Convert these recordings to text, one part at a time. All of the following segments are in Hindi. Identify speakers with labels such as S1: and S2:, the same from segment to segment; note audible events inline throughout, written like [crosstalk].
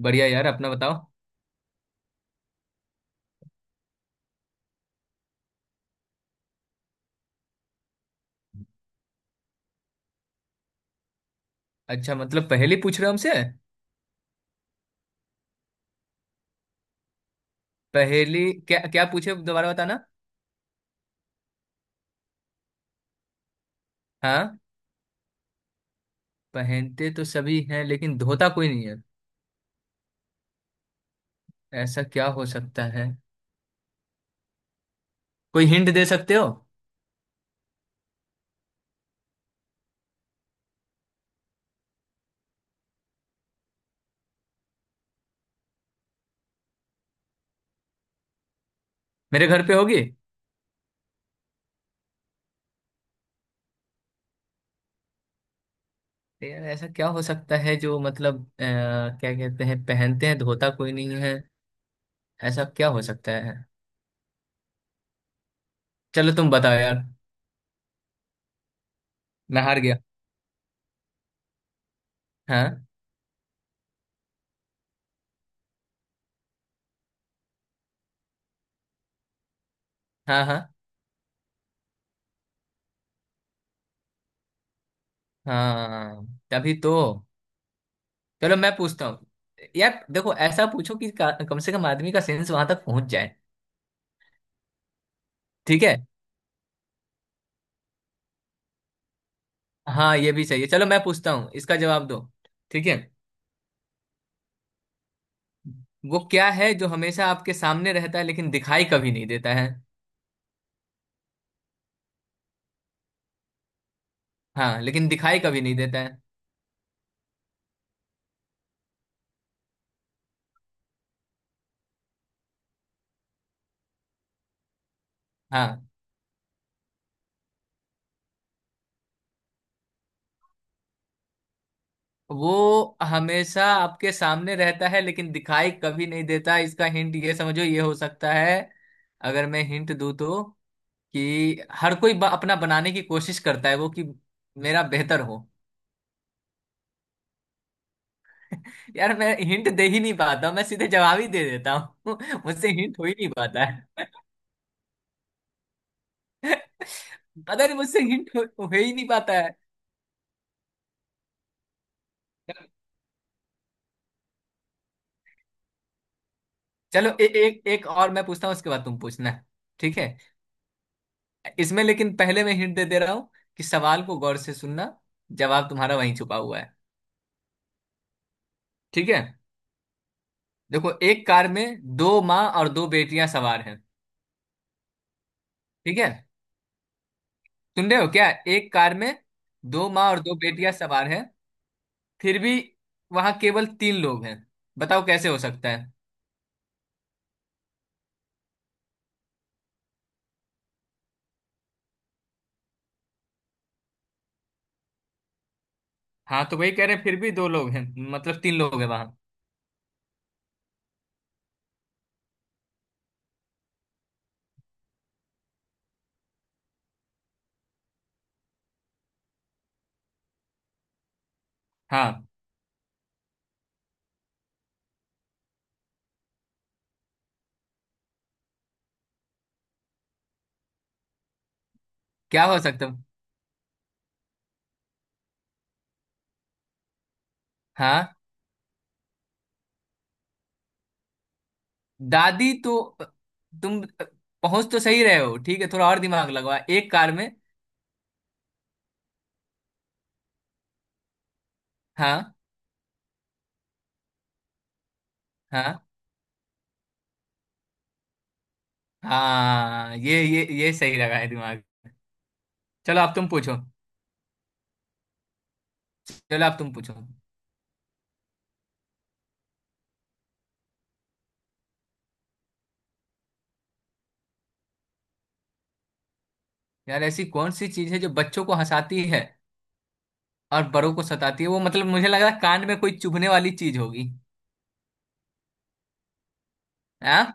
S1: बढ़िया यार। अपना बताओ। अच्छा, मतलब पहेली पूछ रहे हो हमसे। पहेली? क्या क्या पूछे दोबारा बताना। हाँ। पहनते तो सभी हैं लेकिन धोता कोई नहीं है। ऐसा क्या हो सकता है? कोई हिंट दे सकते हो? मेरे घर पे होगी। तो यार ऐसा क्या हो सकता है जो मतलब क्या कहते हैं पहनते हैं धोता कोई नहीं है। ऐसा क्या हो सकता है? चलो तुम बताओ यार। मैं हार गया। हाँ। हाँ। हाँ। हाँ। तभी तो। चलो, मैं पूछता हूँ। यार देखो, ऐसा पूछो कि कम से कम आदमी का सेंस वहां तक पहुंच जाए। ठीक है। हाँ, ये भी सही है। चलो मैं पूछता हूँ, इसका जवाब दो। ठीक है। वो क्या है जो हमेशा आपके सामने रहता है लेकिन दिखाई कभी नहीं देता है? हाँ, लेकिन दिखाई कभी नहीं देता है। हाँ। वो हमेशा आपके सामने रहता है लेकिन दिखाई कभी नहीं देता। इसका हिंट ये समझो, ये हो सकता है। अगर मैं हिंट दूँ तो। कि, हर कोई अपना बनाने की कोशिश करता है, वो कि। मेरा बेहतर हो। यार मैं हिंट दे ही नहीं पाता हूँ, मैं सीधे जवाब ही दे देता हूँ। [laughs] मुझसे हिंट हो ही नहीं पाता है। [laughs] पता नहीं मुझसे हिंट हो ही नहीं पाता है। चलो, एक एक और मैं पूछता हूँ, उसके बाद तुम पूछना है। ठीक है। इसमें लेकिन पहले मैं हिंट दे दे रहा हूँ, कि सवाल को गौर से सुनना। जवाब तुम्हारा वहीं छुपा हुआ है। ठीक है। देखो, एक कार में दो माँ और दो बेटियां सवार हैं। ठीक है। सुन रहे हो क्या? एक कार में दो माँ और दो बेटियां सवार हैं। फिर भी वहां केवल तीन लोग हैं। बताओ कैसे हो सकता है? हाँ, तो वही कह रहे हैं, फिर भी दो लोग हैं। मतलब तीन लोग हैं वहां। हाँ। क्या हो सकता है? हाँ। दादी तो, तुम पहुंच तो सही रहे हो। ठीक है, थोड़ा और दिमाग लगवा एक कार में। हाँ। हाँ। हाँ, ये सही लगा है दिमाग। चलो, अब तुम पूछो। चलो, अब तुम पूछो। यार, ऐसी कौन सी चीज है जो बच्चों को हंसाती है और बड़ों को सताती है? वो मतलब मुझे लग रहा है कान में कोई चुभने वाली चीज होगी। हाँ।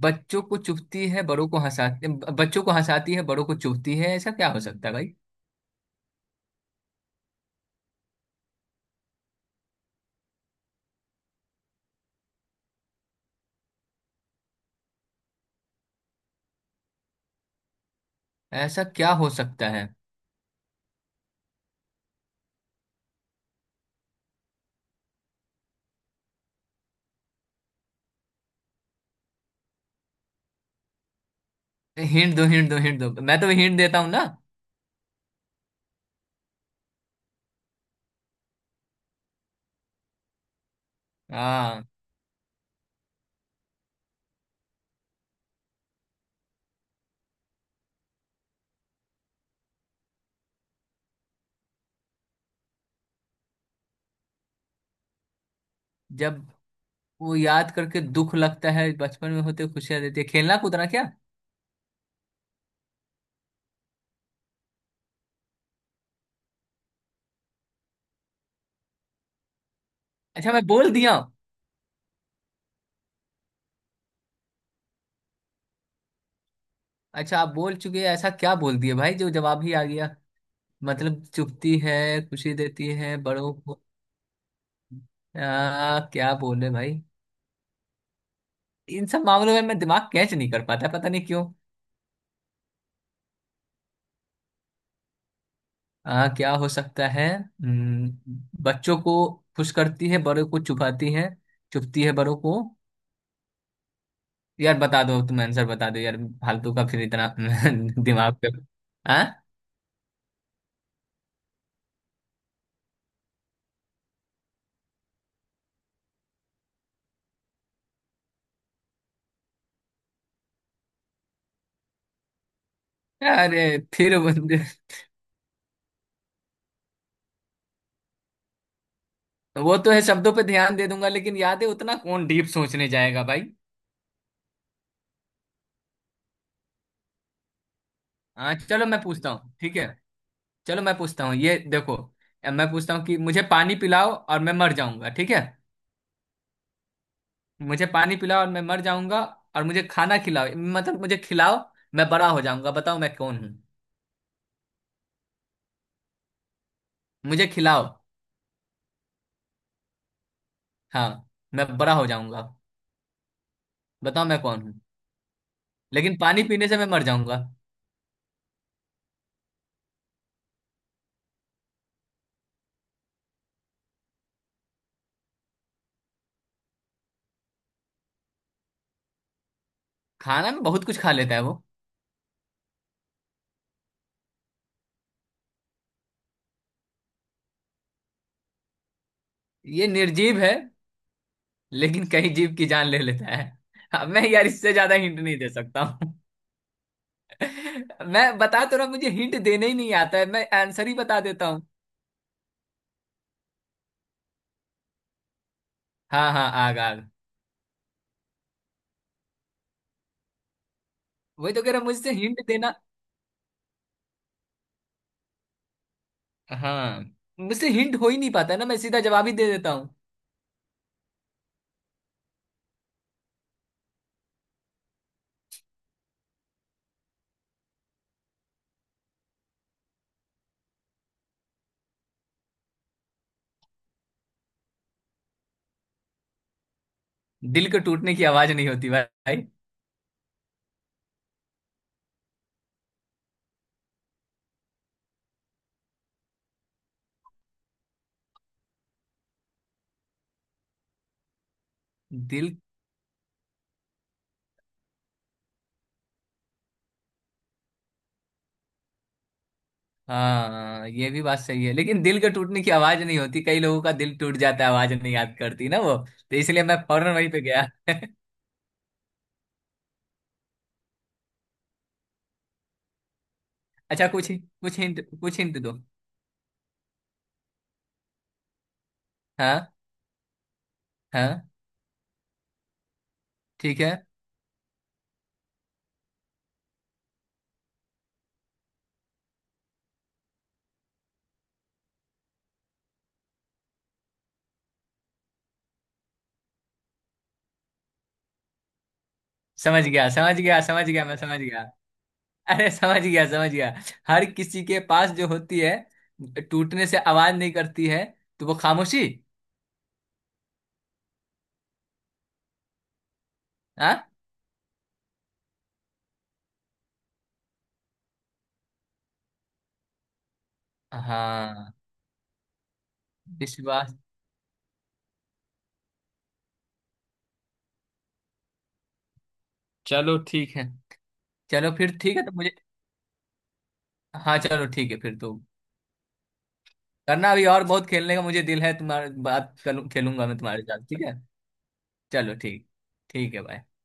S1: बच्चों को चुभती है बड़ों को हंसाती, बच्चों को हंसाती है बड़ों को चुभती है, ऐसा क्या हो सकता है भाई? ऐसा क्या हो सकता है? हिंट दो, हिंट दो, हिंट दो, मैं तो हिंट देता हूँ ना। हाँ। जब, वो याद करके दुख लगता है, बचपन में होते खुशियां देती है, खेलना कूदना क्या? अच्छा, मैं बोल दिया। अच्छा, आप बोल चुके हैं, ऐसा क्या बोल दिया भाई जो जवाब ही आ गया? मतलब चुपती है। खुशी देती है बड़ों को। क्या बोले भाई। इन सब मामलों में मैं दिमाग कैच नहीं कर पाता, पता नहीं क्यों। क्या हो सकता है, बच्चों को खुश करती है, बड़ों को चुपाती है। चुपती है बड़ों को। यार बता दो तुम, आंसर बता दो यार। फालतू का फिर इतना [laughs] दिमाग पे। हाँ। अरे, फिर वो तो है। शब्दों पे ध्यान दे दूंगा, लेकिन याद है उतना कौन डीप सोचने जाएगा भाई? हाँ, चलो मैं पूछता हूँ, ठीक है। चलो मैं पूछता हूँ, ये देखो। मैं पूछता हूँ कि मुझे पानी पिलाओ और मैं मर जाऊंगा, ठीक है। मुझे पानी पिलाओ और मैं मर जाऊंगा। और मुझे खाना खिलाओ, मतलब मुझे खिलाओ। मैं बड़ा हो जाऊंगा, बताओ मैं कौन हूँ? मुझे खिलाओ। हाँ। मैं बड़ा हो जाऊंगा। बताओ मैं कौन हूँ? लेकिन पानी पीने से मैं मर जाऊंगा। खाना में बहुत कुछ खा लेता है वो। ये निर्जीव है। लेकिन कई जीव की जान ले लेता है। अब मैं यार इससे ज्यादा हिंट नहीं दे सकता हूँ। [laughs] मैं बता तो रहा हूँ, मुझे हिंट देना ही नहीं आता है, मैं आंसर ही बता देता हूँ। हाँ, हाँ, आग, आग। वही तो कह रहा हूँ, मुझसे हिंट देना। हाँ। मुझसे हिंट हो ही नहीं पाता ना, मैं सीधा जवाब ही दे देता हूँ। दिल के टूटने की आवाज नहीं होती भाई। दिल। हाँ, ये भी बात सही है, लेकिन दिल के टूटने की आवाज नहीं होती, कई लोगों का दिल टूट जाता है, आवाज नहीं याद करती ना वो। तो इसलिए मैं फौरन वहीं पे गया। अच्छा, कुछ कुछ हिंट, कुछ हिंट दो। हाँ। हाँ। ठीक है। समझ गया, समझ गया, समझ गया, मैं समझ गया। अरे, समझ गया, समझ गया। हर किसी के पास जो होती है, टूटने से आवाज नहीं करती है, तो वो खामोशी। हाँ। हाँ। विश्वास। चलो, ठीक है। चलो, फिर ठीक है, तो मुझे। हाँ, चलो ठीक है फिर तो। करना अभी, और बहुत खेलने का मुझे दिल है तुम्हारे, बात करूँ, खेलूंगा मैं तुम्हारे साथ, ठीक है। चलो, ठीक। ठीक है भाई।